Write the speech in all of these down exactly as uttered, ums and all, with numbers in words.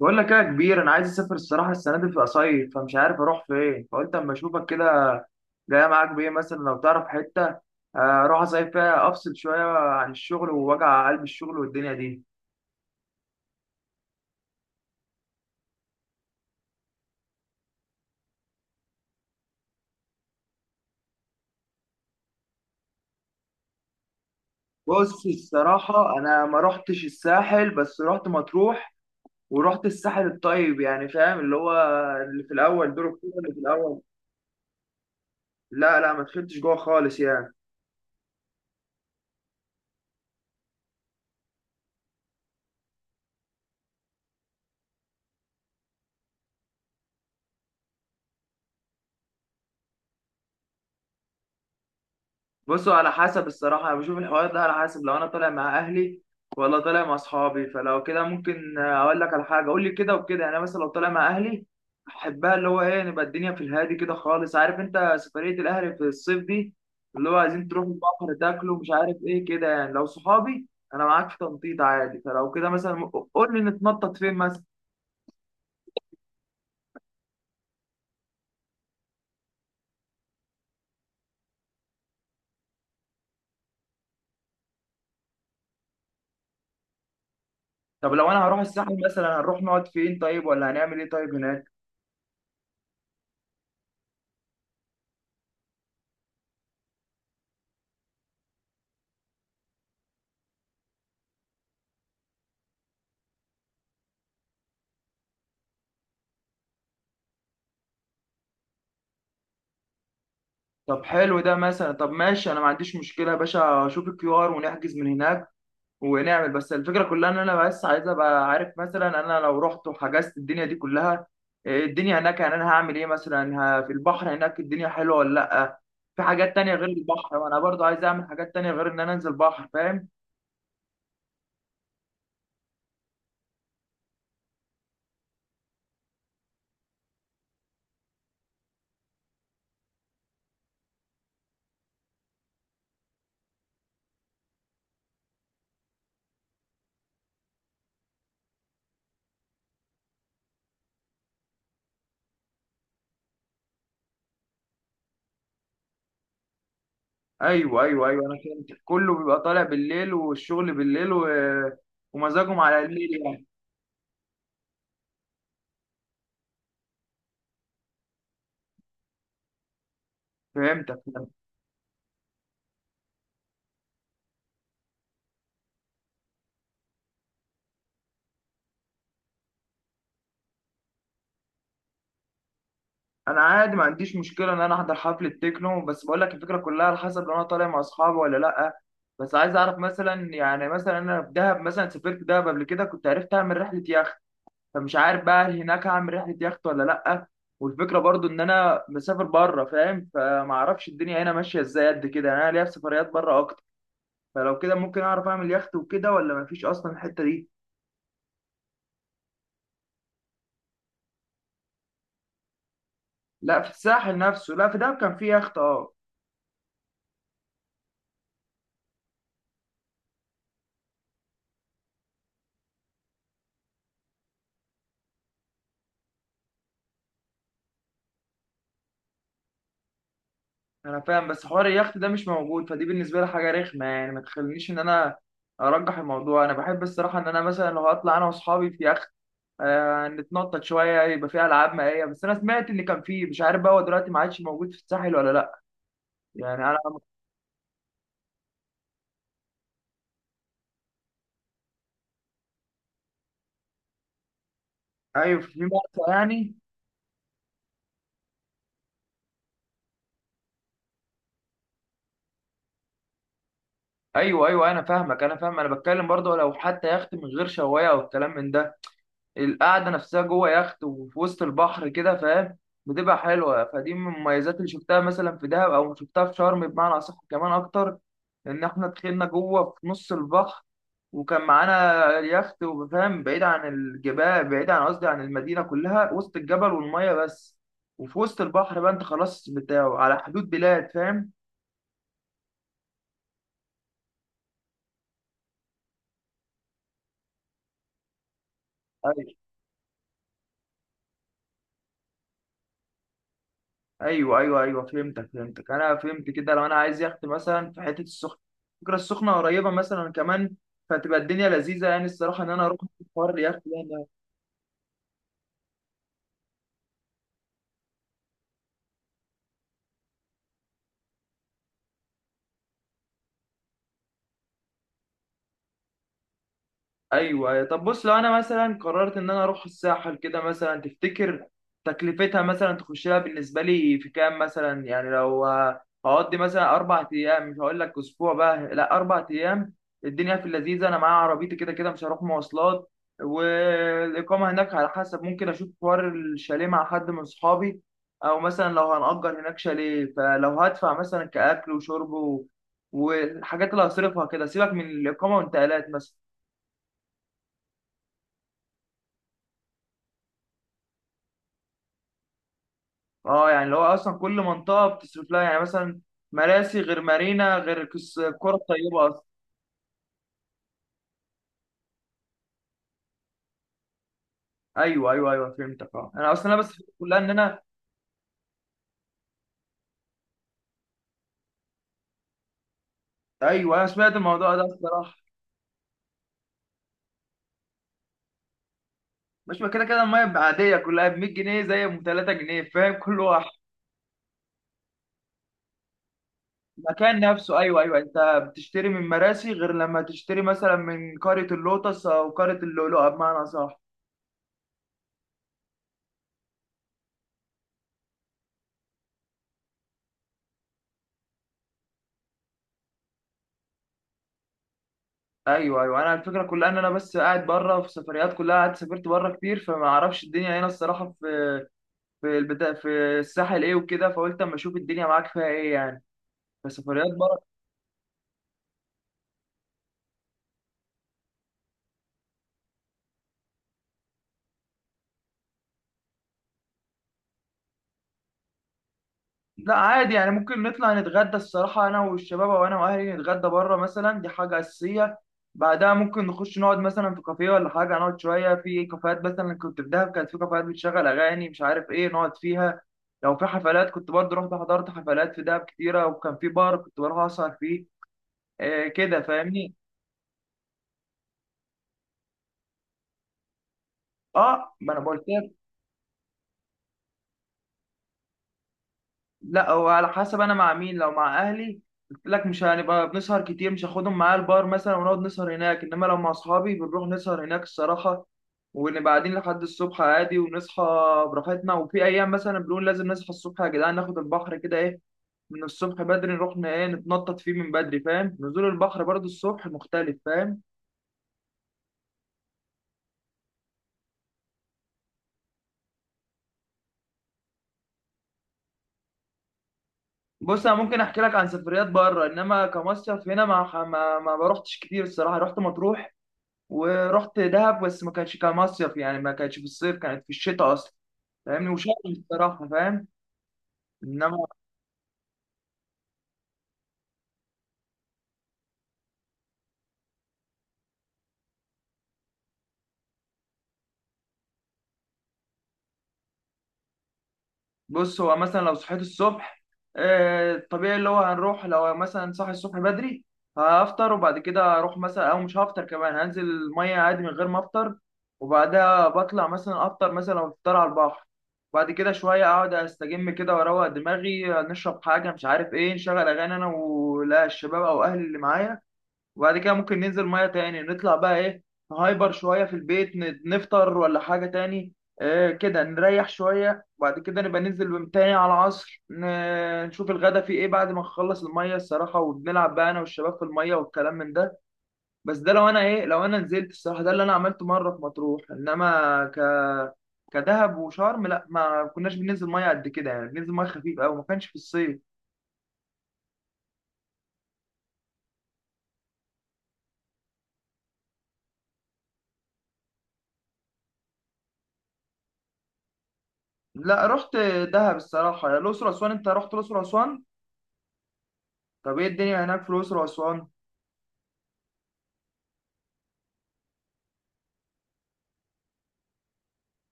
بقول لك إيه يا كبير؟ انا عايز اسافر الصراحه السنه دي في اصيف فمش عارف اروح فين، فقلت اما اشوفك كده. جاي معاك بايه مثلا لو تعرف حته. آه، اروح اصيف فيها افصل شويه عن الشغل ووجع قلب الشغل والدنيا دي. بص الصراحه انا ما رحتش الساحل بس رحت مطروح، ورحت الساحل الطيب يعني، فاهم اللي هو اللي في الاول دور الكوره اللي في الاول. لا لا، ما دخلتش جوه خالص يعني. بصوا، على حسب الصراحة أنا بشوف الحوار ده على حسب لو أنا طالع مع أهلي ولا طالع مع أصحابي. فلو كده ممكن أقول لك على حاجة، قول لي كده وكده. يعني أنا مثلا لو طالع مع أهلي أحبها اللي هو إيه، نبقى الدنيا في الهادي كده خالص، عارف أنت سفرية الأهل في الصيف دي اللي هو عايزين تروحوا البحر، تاكلوا، مش عارف إيه كده. يعني لو صحابي، أنا معاك في تنطيط عادي. فلو كده مثلا قول لي نتنطط فين مثلا. طب لو أنا هروح الساحل مثلا، هنروح نقعد فين طيب؟ ولا هنعمل إيه طيب هناك؟ طب حلو ده مثلا، طب ماشي، انا ما عنديش مشكله يا باشا، اشوف الكيو ار ونحجز من هناك ونعمل. بس الفكره كلها ان انا بس عايز ابقى عارف مثلا، انا لو رحت وحجزت الدنيا دي كلها، إيه الدنيا هناك يعني؟ انا هعمل ايه مثلا؟ ه- في البحر هناك الدنيا حلوه ولا لا؟ في حاجات تانية غير البحر؟ وانا برضو عايز اعمل حاجات تانية غير ان انا انزل بحر، فاهم. ايوه ايوه ايوه، انا فهمت. كله بيبقى طالع بالليل والشغل بالليل و... ومزاجهم على الليل يعني. فهمتك. انا عادي ما عنديش مشكله ان انا احضر حفله تكنو، بس بقول لك الفكره كلها على حسب لو انا طالع مع اصحابي ولا لا. بس عايز اعرف مثلا، يعني مثلا انا في دهب مثلا، سافرت دهب قبل كده كنت عرفت اعمل رحله يخت. فمش عارف بقى هل هناك هعمل رحله يخت ولا لا؟ والفكره برضو ان انا مسافر بره فاهم، فما اعرفش الدنيا هنا ماشيه ازاي قد كده. يعني انا ليا في سفريات بره اكتر، فلو كده ممكن اعرف اعمل يخت وكده ولا مفيش اصلا الحته دي؟ لا، في الساحل نفسه. لا، في دهب كان في يخت، اه. انا فاهم، بس حوار اليخت ده مش موجود، فدي بالنسبه لي حاجه رخمه يعني. ما تخلينيش ان انا ارجح الموضوع. انا بحب الصراحه ان انا مثلا لو هطلع انا واصحابي في يخت، آه نتنطط شويه، يبقى فيها العاب مائيه. بس انا سمعت ان كان فيه، مش عارف بقى هو دلوقتي ما عادش موجود في الساحل ولا لا. يعني انا. ايوه، في مرسى يعني. ايوه ايوه، انا فاهمك، انا فاهم. انا بتكلم برضه لو حتى يخت من غير شوايه او الكلام من ده، القعده نفسها جوه يخت وفي وسط البحر كده فاهم، بتبقى حلوه. فدي من المميزات اللي شفتها مثلا في دهب او شفتها في شرم بمعنى اصح كمان اكتر، ان احنا دخلنا جوه في نص البحر وكان معانا اليخت، وفاهم بعيد عن الجبال، بعيد عن قصدي عن المدينه كلها، وسط الجبل والميه بس وفي وسط البحر بقى. انت خلاص بتاعه على حدود بلاد فاهم. ايوه ايوه ايوه، فهمتك فهمتك، انا فهمت كده. لو انا عايز يخت مثلا في حته السخنه، فكره السخنه قريبه مثلا كمان، فتبقى الدنيا لذيذه يعني الصراحه ان انا اروح في حوار اليخت ده. ايوه أيوة. طب بص، لو انا مثلا قررت ان انا اروح الساحل كده مثلا، تفتكر تكلفتها مثلا تخش لها بالنسبه لي في كام مثلا؟ يعني لو هقضي مثلا اربع ايام، مش هقول لك اسبوع بقى، لا اربع ايام، الدنيا في اللذيذه. انا معايا عربيتي كده كده مش هروح مواصلات، والاقامه هناك على حسب، ممكن اشوف حوار الشاليه مع حد من اصحابي او مثلا لو هنأجر هناك شاليه. فلو هدفع مثلا كاكل وشرب و- والحاجات اللي هصرفها كده، سيبك من الاقامه والانتقالات مثلا. اه يعني اللي هو اصلا كل منطقه بتصرف لها، يعني مثلا مراسي غير مارينا غير كس- الكره الطيبه اصلا. ايوه ايوه ايوه، فهمتك. اه انا اصلا انا بس الفكرة كلها ان انا. ايوه، انا سمعت الموضوع ده الصراحه. مش ما كده كده الميه بقى عاديه كلها ب مية جنيه زي ام تلات جنيه فاهم، كل واحد. المكان نفسه، ايوه ايوه، انت بتشتري من مراسي غير لما تشتري مثلا من قريه اللوتس او قريه اللؤلؤه بمعنى صح. ايوه ايوه، انا الفكره كلها ان انا بس قاعد بره في سفريات، كلها قاعد سافرت بره كتير، فما اعرفش الدنيا هنا الصراحه في البتاع، في الساحل ايه وكده، فقلت اما اشوف الدنيا معاك فيها ايه يعني كسفريات بره. لا عادي يعني ممكن نطلع نتغدى الصراحه انا والشباب، او انا واهلي نتغدى بره مثلا، دي حاجه اساسيه. بعدها ممكن نخش نقعد مثلا في كافيه ولا حاجه، نقعد شويه في كافيهات. مثلا كنت في دهب كانت في كافيهات بتشغل اغاني مش عارف ايه نقعد فيها. لو في حفلات كنت برضه رحت حضرت حفلات في دهب كتيره، وكان في بار كنت بروح اسهر فيه. آه كده فاهمني. اه، ما انا بقول. لا هو على حسب انا مع مين. لو مع اهلي قلت لك مش هنبقى بنسهر كتير، مش هاخدهم معايا البار مثلا ونقعد نسهر هناك. انما لو مع اصحابي بنروح نسهر هناك الصراحه، ونبقى قاعدين لحد الصبح عادي، ونصحى براحتنا. وفي ايام مثلا بنقول لازم نصحى الصبح يا جدعان، ناخد البحر كده ايه، من الصبح بدري نروح ن- ايه نتنطط فيه من بدري، فاهم. نزول البحر برضو الصبح مختلف فاهم. بص انا ممكن احكي لك عن سفريات بره، انما كمصيف هنا، ما ما, ما ما روحتش كتير الصراحه. رحت مطروح ورحت دهب، بس ما كانتش كمصيف يعني، ما كانتش في الصيف، كانت في الشتاء اصلا فاهمني. وشرم الصراحه فاهم، انما. بص هو مثلا لو صحيت الصبح، آه، طبيعي اللي هو هنروح، لو مثلا صاحي الصبح بدري هفطر، وبعد كده اروح مثلا، او مش هفطر كمان، هنزل الميه عادي من غير ما افطر. وبعدها بطلع مثلا افطر، مثلا لو افطر على البحر. بعد كده شويه اقعد استجم كده واروق دماغي، نشرب حاجه، مش عارف ايه، نشغل اغاني انا ولا الشباب او اهلي اللي معايا. وبعد كده ممكن ننزل ميه تاني، نطلع بقى ايه، نهايبر شويه في البيت، ن- نفطر ولا حاجه تاني. آه كده نريح شويه. وبعد كده نبقى ننزل تاني على العصر، ن- نشوف الغدا فيه ايه بعد ما نخلص الميه الصراحه، وبنلعب بقى انا والشباب في الميه والكلام من ده. بس ده لو انا ايه، لو انا نزلت الصراحه. ده اللي انا عملته مره في مطروح، انما ك... كدهب وشرم لا، ما كناش بننزل ميه قد كده يعني، بننزل ميه خفيف قوي ما كانش في الصيف. لا، رحت دهب الصراحه. الاقصر اسوان، انت رحت الاقصر اسوان؟ طب ايه الدنيا هناك في الاقصر واسوان؟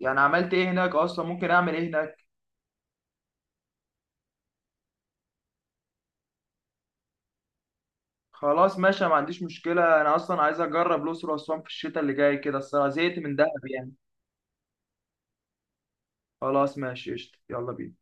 يعني عملت ايه هناك اصلا؟ ممكن اعمل ايه هناك؟ خلاص ماشي، ما عنديش مشكله، انا اصلا عايز اجرب الاقصر واسوان في الشتاء اللي جاي كده الصراحه، زهقت من دهب يعني. خلاص ماشي، قشطة، يلا بينا.